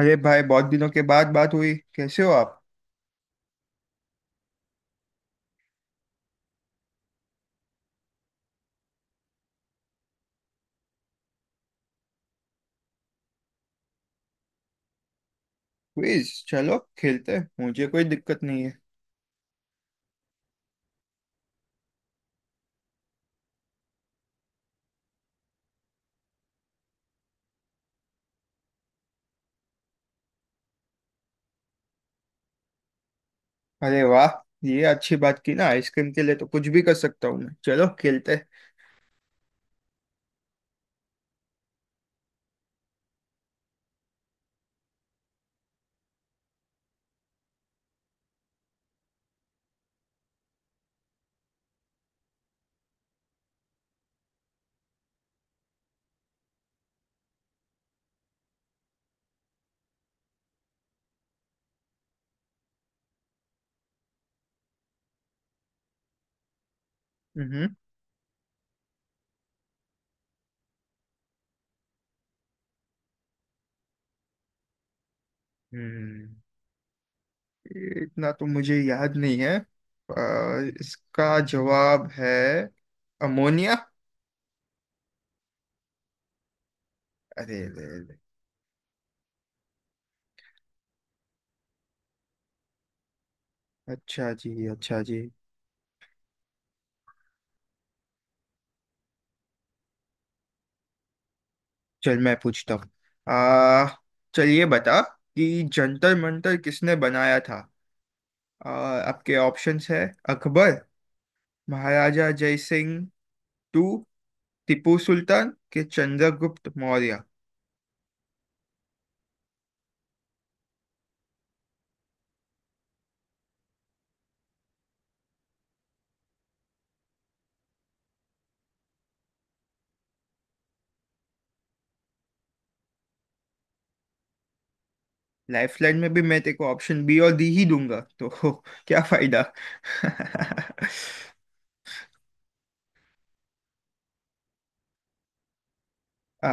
अरे भाई, बहुत दिनों के बाद बात हुई। कैसे हो आप? प्लीज, चलो खेलते हैं, मुझे कोई दिक्कत नहीं है। अरे वाह! ये अच्छी बात की ना, आइसक्रीम के लिए तो कुछ भी कर सकता हूँ मैं। चलो खेलते हैं। हम्म। हम्म। ये इतना तो मुझे याद नहीं है, पर इसका जवाब है अमोनिया। अरे रे रे। अच्छा जी, अच्छा जी। चल, मैं पूछता हूँ। आ चल, ये बता कि जंतर मंतर किसने बनाया था। आपके ऑप्शंस है: अकबर, महाराजा जय सिंह, टू, टीपू सुल्तान के, चंद्रगुप्त मौर्य। लाइफलाइन में भी मैं तेरे को ऑप्शन बी और डी ही दूंगा, तो क्या फायदा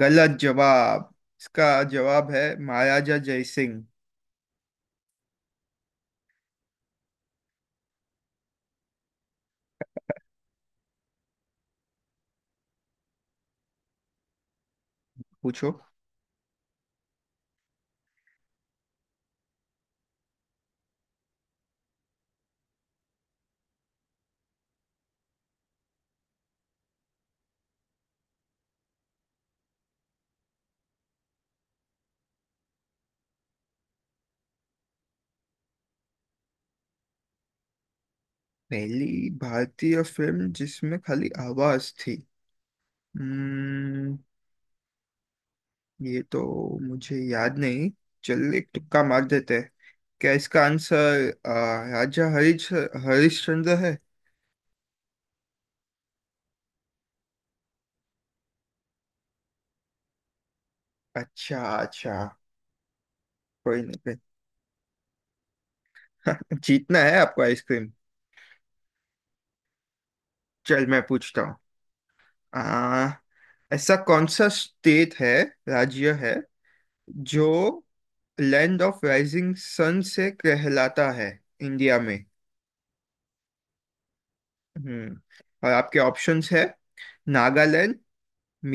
गलत जवाब। इसका जवाब है महाराजा जय सिंह। पूछो। पहली भारतीय फिल्म जिसमें खाली आवाज थी। हम्म। ये तो मुझे याद नहीं। चल, एक तुक्का मार देते हैं। क्या इसका आंसर राजा हरिश्चंद्र है? अच्छा, अच्छा। कोई नहीं। कोई जीतना है आपको आइसक्रीम। चल, मैं पूछता हूँ। आ, ऐसा कौन सा स्टेट है, राज्य है, जो लैंड ऑफ राइजिंग सन से कहलाता है इंडिया में? हम्म। और आपके ऑप्शंस है: नागालैंड,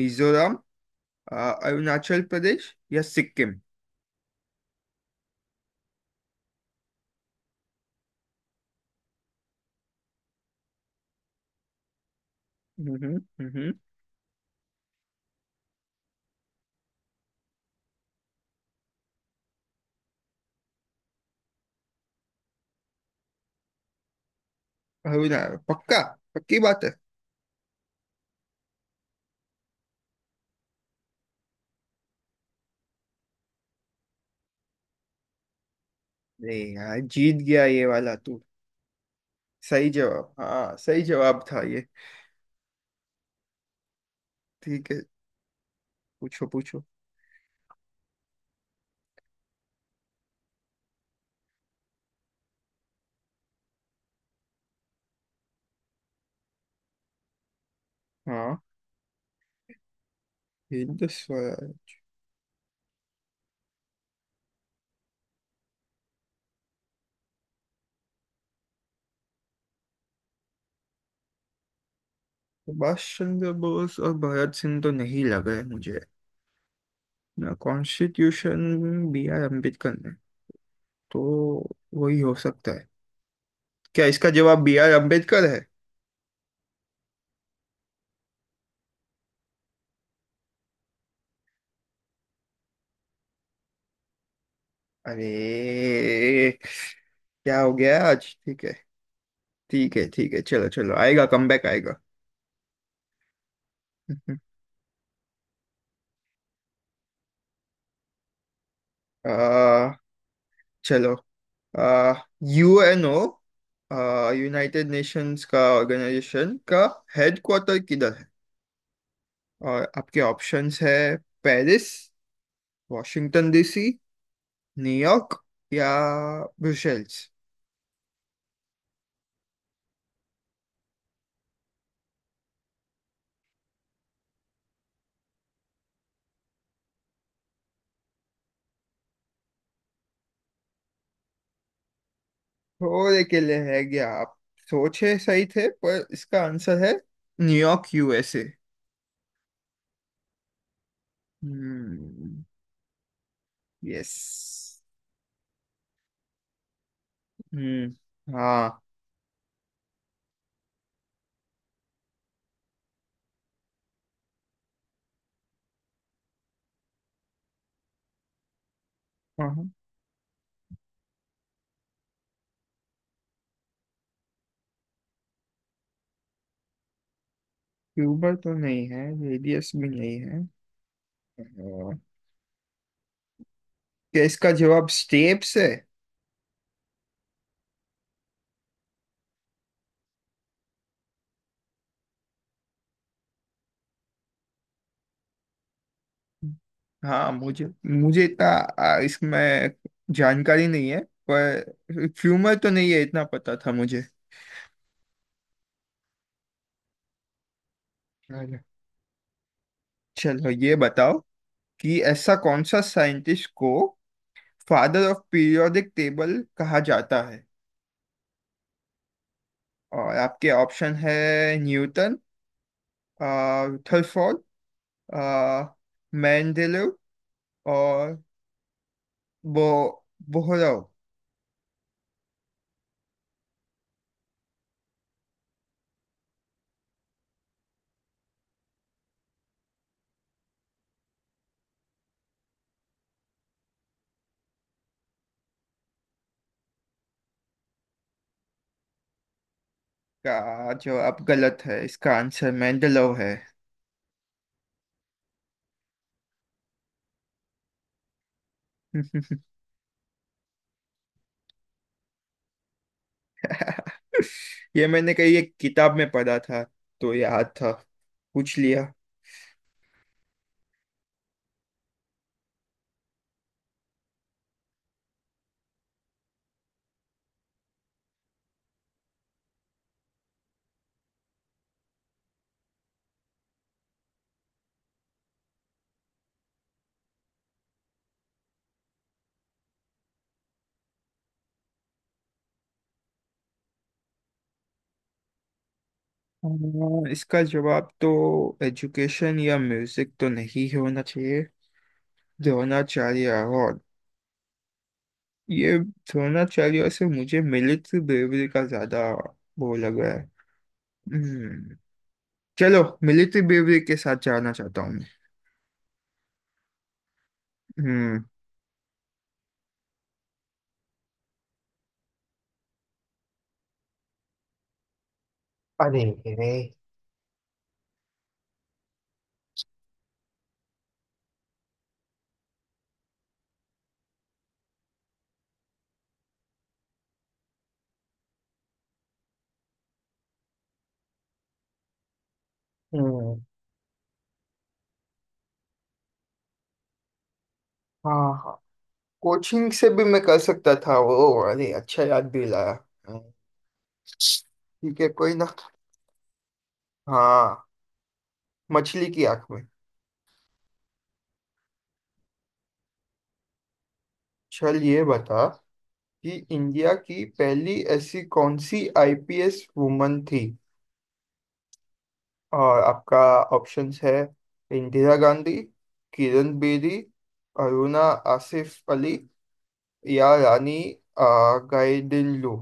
मिजोरम, अरुणाचल प्रदेश या सिक्किम। हम्म। हम्म। अरुणा पक्का? पक्की बात है। नहीं यार, जीत गया ये वाला तू। सही जवाब! हाँ, सही जवाब था ये। ठीक है। पूछो, पूछो। हाँ। हिंद स्वराज। सुभाष चंद्र बोस और भगत सिंह तो नहीं लग रहे मुझे। ना, कॉन्स्टिट्यूशन बी आर अम्बेडकर ने, तो वही हो सकता है। क्या इसका जवाब बी आर अम्बेडकर है? अरे! क्या हो गया आज? ठीक है, ठीक है। ठीक है, चलो चलो, आएगा कमबैक आएगा। आ, चलो। यूएनओ, यूनाइटेड नेशंस का ऑर्गेनाइजेशन का हेडक्वार्टर किधर? और आपके ऑप्शंस है: पेरिस, वॉशिंगटन डीसी, न्यूयॉर्क या ब्रुसेल्स। थोड़े के लिए है गया आप, सोचे सही थे, पर इसका आंसर है New York USA. Hmm. Yes. Hmm. हाँ, हाँ। क्यूबर तो नहीं है, रेडियस भी नहीं है। अ, क्या इसका जवाब स्टेप्स है? हाँ, मुझे मुझे इतना इसमें जानकारी नहीं है। पर ह्यूमर तो नहीं है, इतना पता था मुझे। अरे! चलो, ये बताओ कि ऐसा कौन सा साइंटिस्ट को फादर ऑफ पीरियोडिक टेबल कहा जाता है? और आपके ऑप्शन है: न्यूटन, आ, रदरफोर्ड, आ, मेंडेलीव और बो बोहरोव का जो, अब गलत है। इसका आंसर मेंडेलीव है। ये मैंने कहीं एक किताब में पढ़ा था, तो याद था, पूछ लिया। इसका जवाब तो एजुकेशन या म्यूजिक तो नहीं होना चाहिए। द्रोणाचार्य अवार्ड, ये द्रोणाचार्य से मुझे मिलिट्री ब्रेवरी का ज्यादा वो लग रहा है। हम्म। चलो, मिलिट्री ब्रेवरी के साथ जाना चाहता हूँ मैं। हम्म। अरे रे। हम्म। हाँ, हाँ। कोचिंग से भी मैं कर सकता था वो। अरे, अच्छा याद भी लाया। हम्म। ठीक है, कोई ना। हाँ, मछली की आंख में। चल, ये बता कि इंडिया की पहली ऐसी कौन सी आईपीएस वुमन थी? और आपका ऑप्शंस है: इंदिरा गांधी, किरण बेदी, अरुणा आसिफ अली या रानी गाइडिनलो।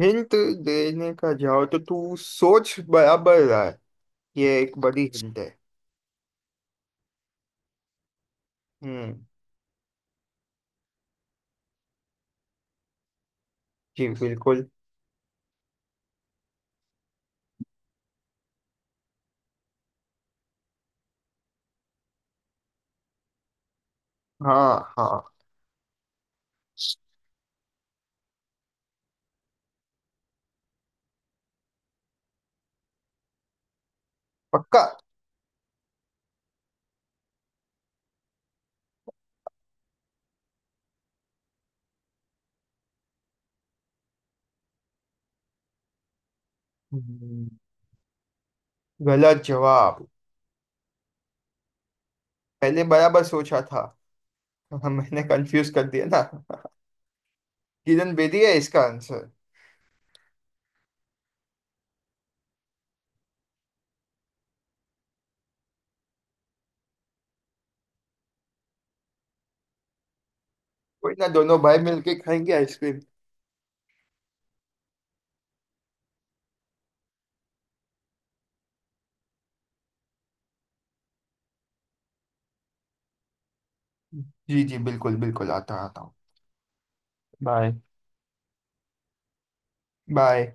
हिंट देने का जाओ तो, तू सोच बराबर रहा है, ये एक बड़ी हिंट है। हम्म। जी बिल्कुल। हाँ, हाँ। पक्का। हम्म। गलत जवाब। पहले बराबर सोचा था। मैंने कंफ्यूज कर दिया ना। किरण बेदी है इसका आंसर। कोई ना, दोनों भाई मिलके खाएंगे आइसक्रीम। जी जी, बिल्कुल बिल्कुल, आता आता हूँ। बाय। बाय।